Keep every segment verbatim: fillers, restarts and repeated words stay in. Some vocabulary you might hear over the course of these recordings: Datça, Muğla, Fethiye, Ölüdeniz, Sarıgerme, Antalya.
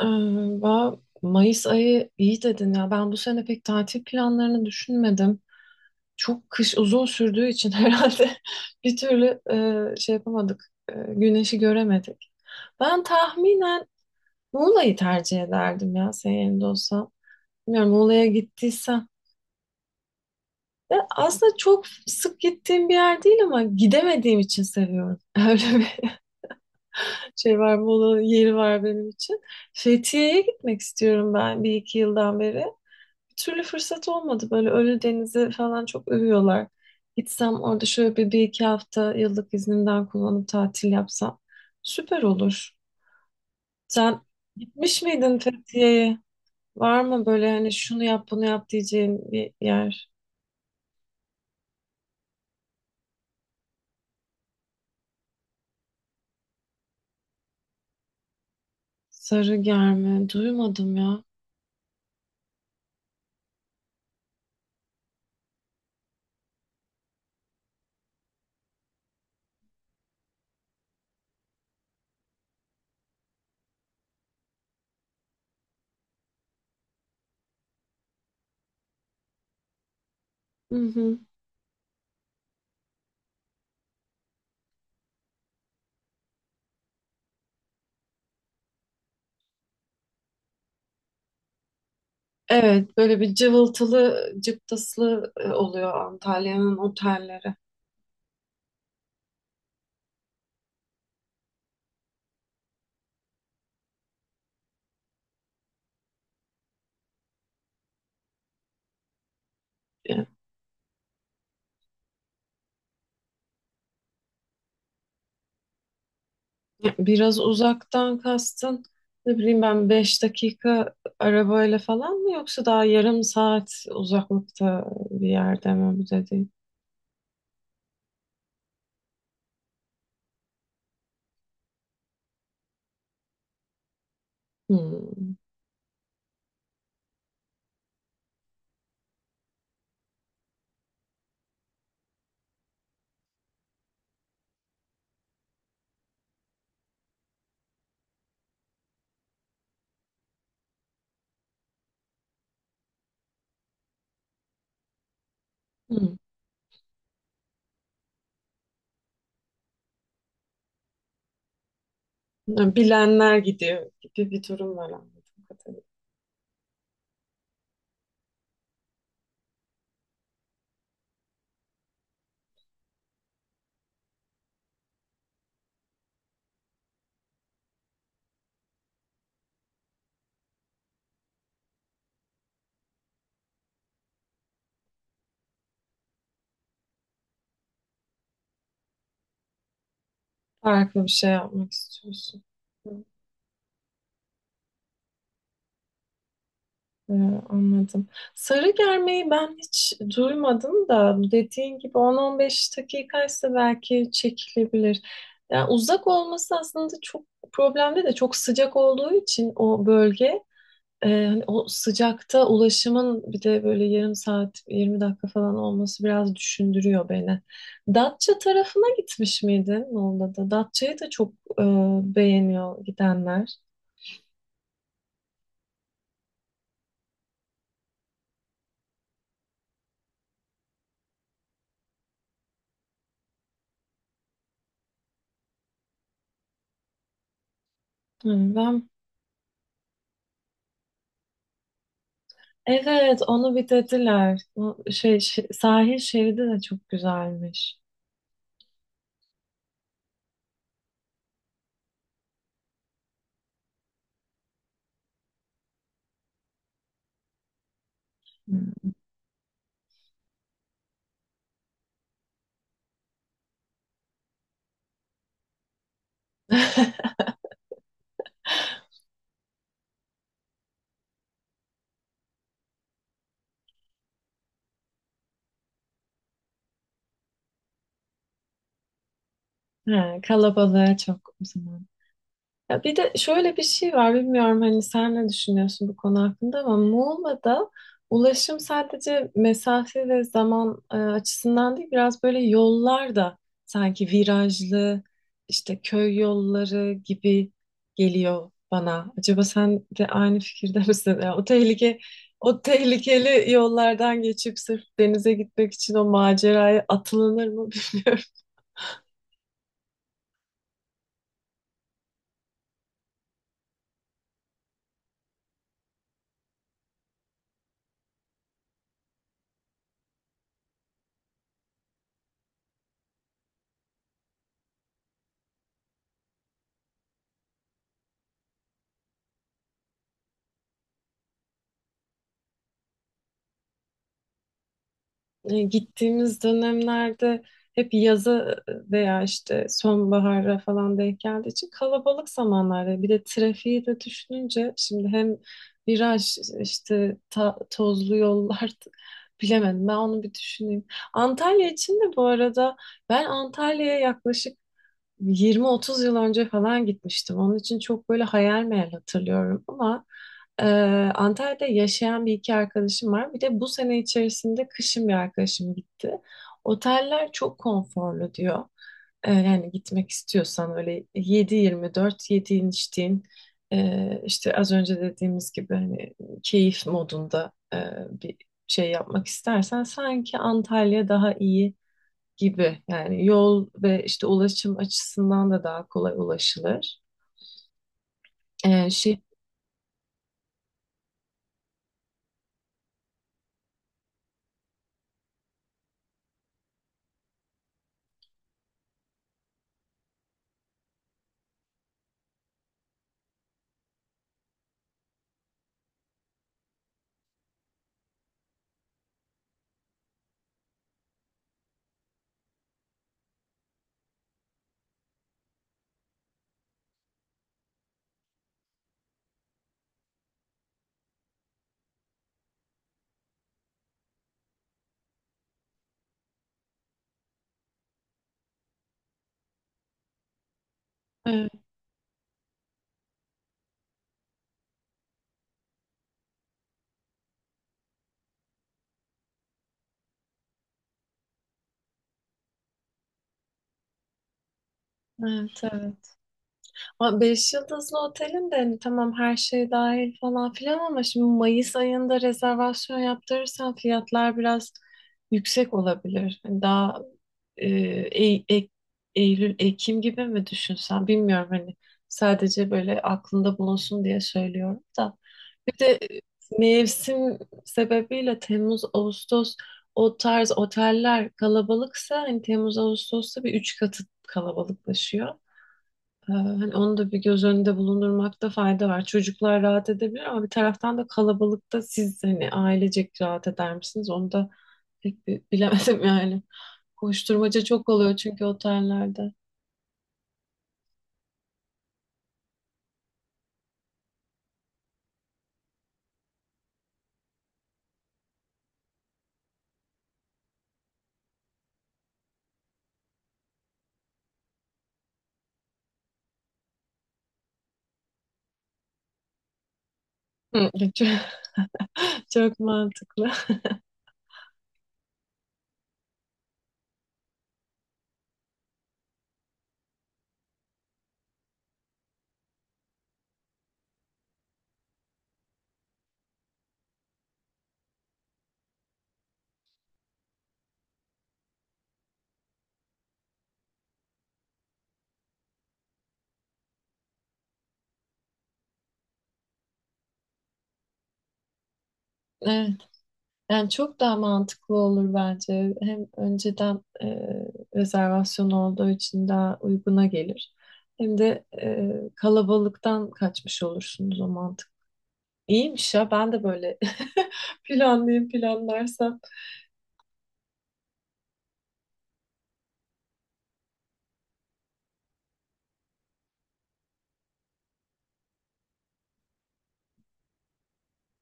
Ee, va- Mayıs ayı iyi dedin ya. Ben bu sene pek tatil planlarını düşünmedim. Çok kış uzun sürdüğü için herhalde bir türlü e, şey yapamadık. E, güneşi göremedik. Ben tahminen Muğla'yı tercih ederdim ya senin yerinde olsam. Bilmiyorum Muğla'ya gittiysem. Ve aslında çok sık gittiğim bir yer değil ama gidemediğim için seviyorum. Öyle bir şey var, Muğla'nın yeri var benim için. Fethiye'ye gitmek istiyorum ben bir iki yıldan beri. Bir türlü fırsat olmadı. Böyle Ölüdeniz'i falan çok övüyorlar. Gitsem orada şöyle bir, bir iki hafta yıllık iznimden kullanıp tatil yapsam süper olur. Sen gitmiş miydin Fethiye'ye? Var mı böyle hani şunu yap bunu yap diyeceğin bir yer? Sarıgerme. Duymadım ya. Hı hı. Evet, böyle bir cıvıltılı, cıptaslı e, oluyor Antalya'nın otelleri. Yani, ya, biraz uzaktan kastın ne bileyim ben beş dakika arabayla falan mı yoksa daha yarım saat uzaklıkta bir yerde mi bu dediğin? Hmm. Hmm. Ya, bilenler gidiyor gibi bir durum var anladığım kadarıyla. Farklı bir şey yapmak istiyorsun. Ee, Anladım. Sarı germeyi ben hiç duymadım da dediğin gibi on on beş dakikaysa belki çekilebilir. Yani uzak olması aslında çok problemli de çok sıcak olduğu için o bölge, e, hani o sıcakta ulaşımın bir de böyle yarım saat yirmi dakika falan olması biraz düşündürüyor beni. Datça tarafına gitmiş miydin Muğla'da? Datça'yı da çok e, beğeniyor gidenler. Hı, ben evet, onu bitirdiler. O şey, şi- sahil şeridi de çok güzelmiş. Hmm. Ha, kalabalığa çok o zaman. Ya bir de şöyle bir şey var, bilmiyorum hani sen ne düşünüyorsun bu konu hakkında ama Muğla'da ulaşım sadece mesafe ve zaman e, açısından değil, biraz böyle yollar da sanki virajlı, işte köy yolları gibi geliyor bana. Acaba sen de aynı fikirde misin? Ya o tehlike, o tehlikeli yollardan geçip sırf denize gitmek için o maceraya atılınır mı bilmiyorum. E, Gittiğimiz dönemlerde hep yaza veya işte sonbahara falan denk geldiği için kalabalık zamanlarda bir de trafiği de düşününce şimdi hem viraj işte ta- tozlu yollar bilemedim ben onu bir düşüneyim. Antalya için de bu arada ben Antalya'ya yaklaşık yirmi otuz yıl önce falan gitmiştim. Onun için çok böyle hayal meyal hatırlıyorum ama e, Antalya'da yaşayan bir iki arkadaşım var. Bir de bu sene içerisinde kışın bir arkadaşım gitti. Oteller çok konforlu diyor. E, yani gitmek istiyorsan öyle yedi yirmi dört yediğin içtiğin, e, işte az önce dediğimiz gibi hani keyif modunda e, bir şey yapmak istersen sanki Antalya daha iyi gibi, yani yol ve işte ulaşım açısından da daha kolay ulaşılır. Ee, şey Evet, evet, evet. Ama beş yıldızlı otelin de hani tamam her şey dahil falan filan ama şimdi Mayıs ayında rezervasyon yaptırırsan fiyatlar biraz yüksek olabilir. Hani daha e, Ey- Ek- Eylül, Ekim gibi mi düşünsen bilmiyorum, hani sadece böyle aklında bulunsun diye söylüyorum da. Bir de e, mevsim sebebiyle Temmuz, Ağustos o tarz oteller kalabalıksa hani Temmuz, Ağustos'ta bir üç katı kalabalıklaşıyor. Ee, Hani onu da bir göz önünde bulundurmakta fayda var. Çocuklar rahat edebilir ama bir taraftan da kalabalıkta siz hani ailecek rahat eder misiniz? Onu da pek bi- bilemedim yani. Koşturmaca çok oluyor çünkü otellerde. Hı, çok, çok mantıklı. Evet. Yani çok daha mantıklı olur bence. Hem önceden e, rezervasyon olduğu için daha uyguna gelir. Hem de e, kalabalıktan kaçmış olursunuz o mantık. İyiymiş ya, ben de böyle planlayayım planlarsam.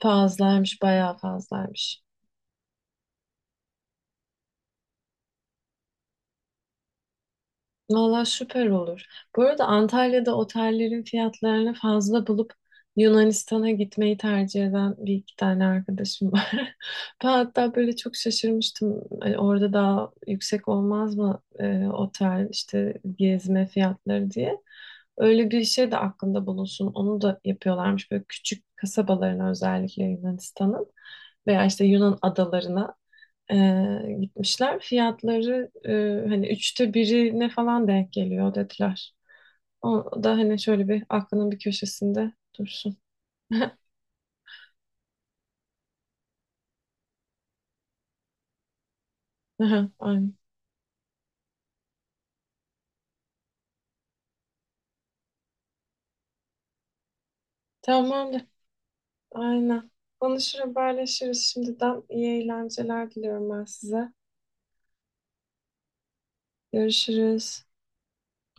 Fazlaymış, bayağı fazlaymış. Valla süper olur. Bu arada Antalya'da otellerin fiyatlarını fazla bulup Yunanistan'a gitmeyi tercih eden bir iki tane arkadaşım var. Ben hatta böyle çok şaşırmıştım. Hani orada daha yüksek olmaz mı e, otel işte gezme fiyatları diye. Öyle bir şey de aklında bulunsun. Onu da yapıyorlarmış, böyle küçük kasabalarına özellikle Yunanistan'ın veya işte Yunan adalarına e, gitmişler. Fiyatları e, hani üçte birine falan denk geliyor dediler. O da hani şöyle bir aklının bir köşesinde dursun. Aha, aynen. Tamamdır. Aynen. Konuşur haberleşiriz şimdiden. İyi eğlenceler diliyorum ben size. Görüşürüz.